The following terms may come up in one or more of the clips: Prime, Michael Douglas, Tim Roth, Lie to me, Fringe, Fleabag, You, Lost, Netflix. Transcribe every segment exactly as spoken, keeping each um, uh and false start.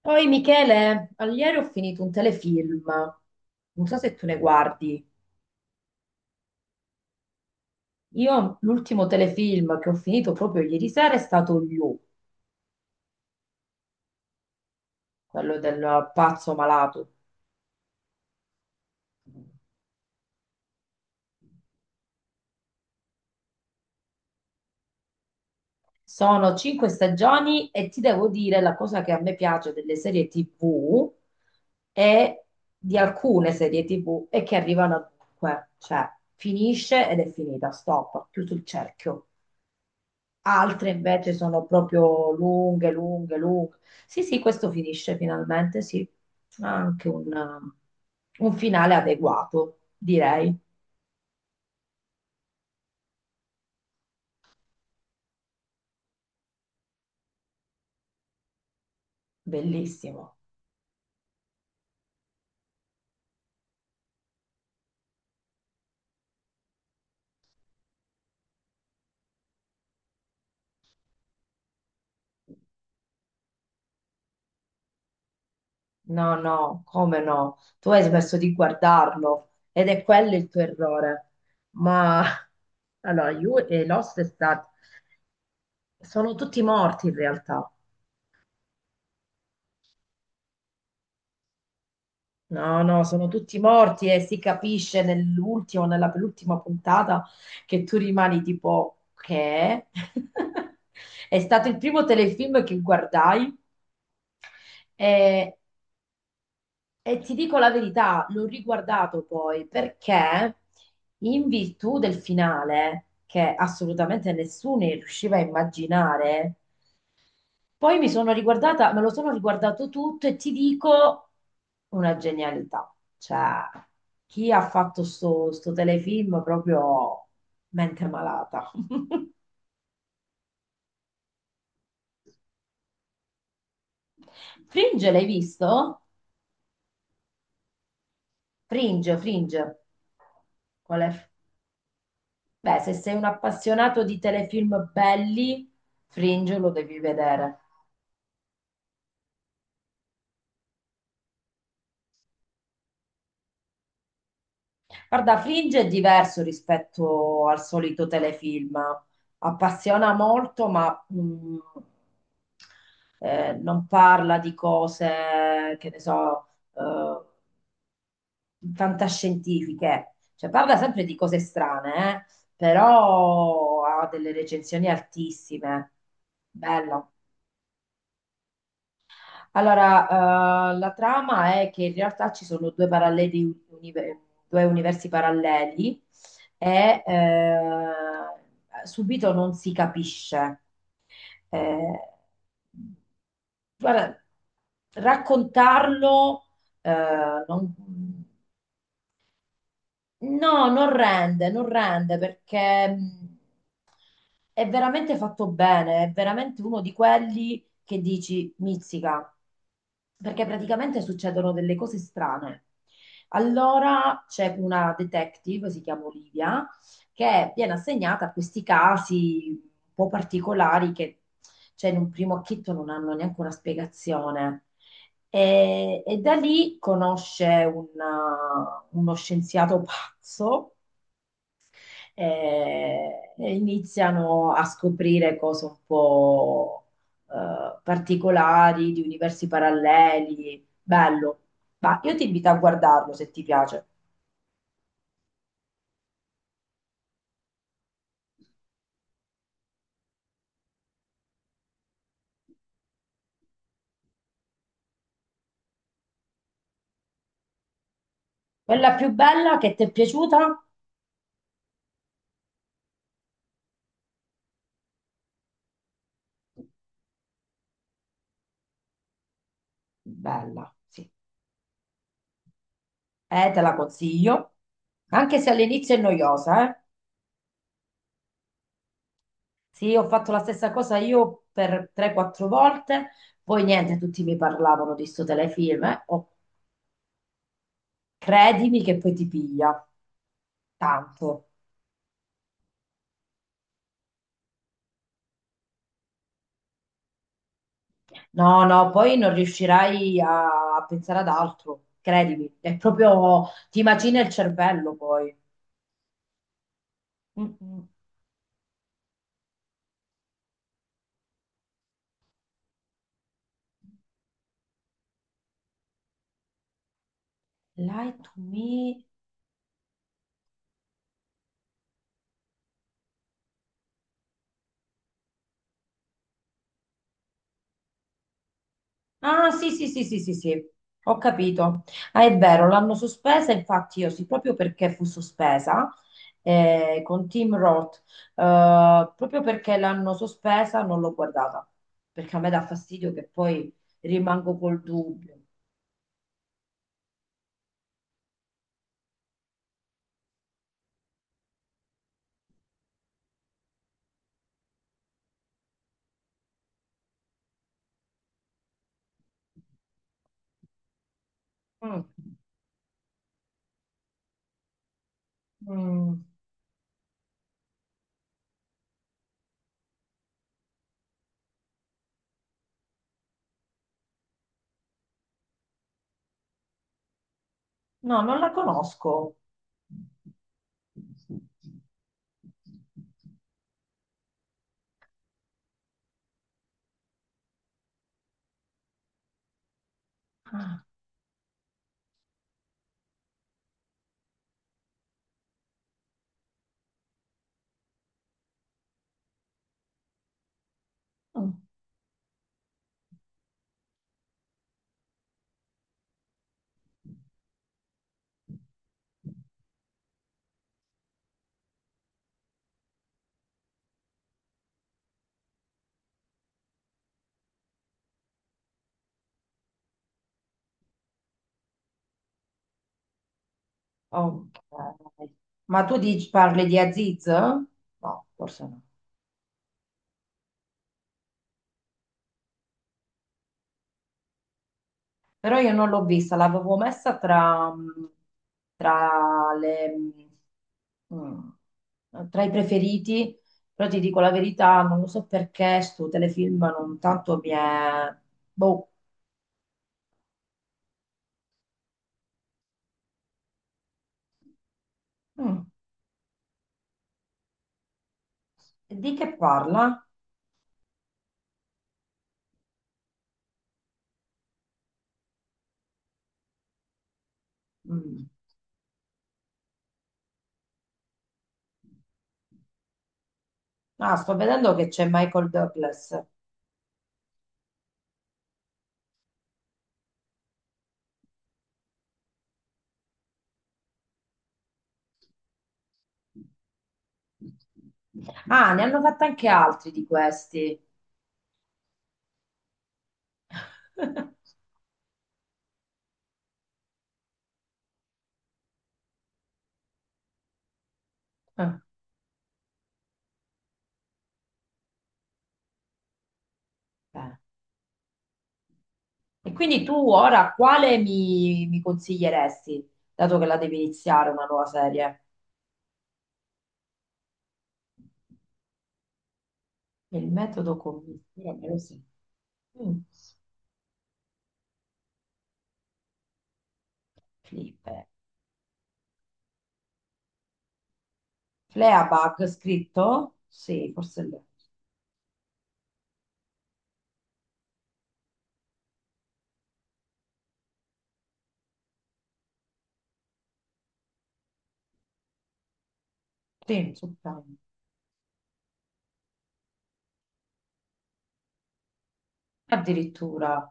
Poi Michele, ieri ho finito un telefilm, non so se tu ne guardi. Io l'ultimo telefilm che ho finito proprio ieri sera è stato You, quello del pazzo malato. Sono cinque stagioni e ti devo dire la cosa che a me piace delle serie T V e di alcune serie T V è che arrivano a dunque, cioè finisce ed è finita, stop, chiuso il cerchio. Altre invece sono proprio lunghe, lunghe, lunghe. Sì, sì, questo finisce finalmente, sì. Ha anche un, eh, un finale adeguato, direi. Bellissimo. No, no, come no? Tu hai smesso di guardarlo ed è quello il tuo errore. Ma allora, You e Lost è stato... sono tutti morti in realtà. No, no, sono tutti morti e si capisce nell'ultimo, nella penultima puntata che tu rimani tipo che è stato il primo telefilm che guardai e, e ti dico la verità, l'ho riguardato poi perché in virtù del finale che assolutamente nessuno riusciva a immaginare, poi mi sono riguardata, me lo sono riguardato tutto e ti dico una genialità. Cioè, chi ha fatto sto, sto telefilm proprio mente malata. Fringe, l'hai visto? Fringe, Fringe. Qual è? Beh, se sei un appassionato di telefilm belli, Fringe lo devi vedere. Guarda, Fringe è diverso rispetto al solito telefilm. Appassiona molto, ma mh, eh, non parla di cose, che ne so, eh, fantascientifiche. Cioè, parla sempre di cose strane, eh, però ha delle recensioni altissime. Bello. Allora, eh, la trama è che in realtà ci sono due paralleli univer- due universi paralleli e eh, subito non si capisce. Eh, guarda, raccontarlo eh, non- No, non rende, non rende perché mh, è veramente fatto bene, è veramente uno di quelli che dici mizzica, perché praticamente succedono delle cose strane. Allora c'è una detective, si chiama Olivia, che viene assegnata a questi casi un po' particolari che, cioè, in un primo acchito non hanno neanche una spiegazione. E, e da lì conosce un, uh, uno scienziato pazzo eh, e, iniziano a scoprire cose un po' eh, particolari di universi paralleli. Bello. Ma io ti invito a guardarlo se ti piace. Quella più bella che ti è piaciuta? Bella, sì. Eh, te la consiglio. Anche se all'inizio è noiosa, eh. Sì, ho fatto la stessa cosa io per tre quattro volte, poi niente, tutti mi parlavano di sto telefilm, eh. Oh, credimi che poi ti piglia, tanto. No, no, poi non riuscirai a, a pensare ad altro, credimi, è proprio, ti macina il cervello poi. Mm, mm. Lie to me, ah, sì, sì, sì, sì, sì, sì, ho capito. Ah, è vero, l'hanno sospesa, infatti io sì, proprio perché fu sospesa eh, con Tim Roth, eh, proprio perché l'hanno sospesa non l'ho guardata, perché a me dà fastidio che poi rimango col dubbio. Mm, mm. No, non la conosco. Ah, mm. Ok. Ma tu dici- parli di Aziz? No, forse no. Però io non l'ho vista, l'avevo messa tra, mh, tra le, mh, tra i preferiti, però ti dico la verità, non lo so perché sto telefilm non tanto mi è... Boh. Mm. E di che parla? Mm. Ah, sto vedendo che c'è Michael Douglas. Ah, ne hanno fatto anche altri di questi. Ah, beh. E quindi tu ora quale mi, mi consiglieresti, dato che la devi iniziare una nuova serie? Il metodo commissario, mm. Flippe. Fleabag scritto? Sì, forse lei. Sì, su Prime. Addirittura.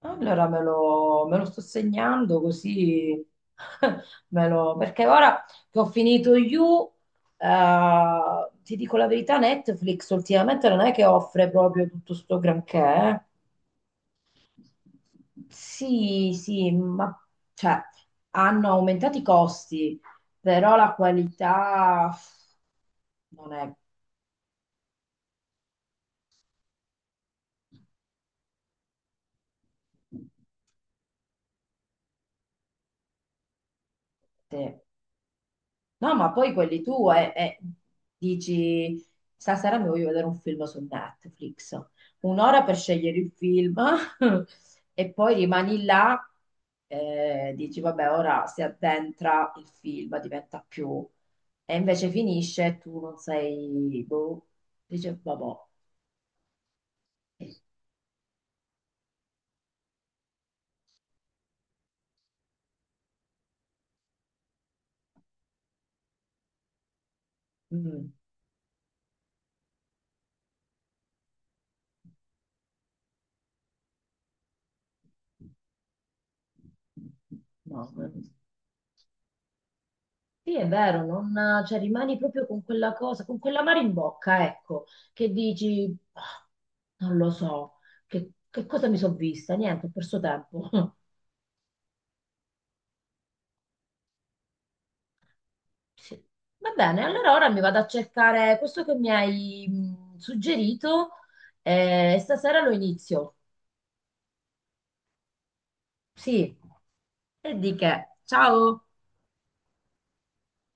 Allora me lo, me lo sto segnando così me lo- perché ora che ho finito You, eh, ti dico la verità, Netflix ultimamente non è che offre proprio tutto sto granché, eh. Sì, sì, ma cioè, hanno aumentato i costi, però la qualità non è... No, ma poi quelli tu eh, eh, dici, stasera mi voglio vedere un film su Netflix, un'ora per scegliere il film e poi rimani là, eh, dici, vabbè, ora si addentra il film, diventa più... E invece finisce e tu non sei... Boh, dice, vabbè, mm, no, sì, è vero, non, cioè, rimani proprio con quella cosa, con quell'amaro in bocca, ecco, che dici, "Ah, non lo so, che, che cosa mi sono vista? Niente, ho perso tempo. Sì. Va bene, allora ora mi vado a cercare questo che mi hai mh, suggerito eh, e stasera lo inizio. Sì, e di che? Ciao!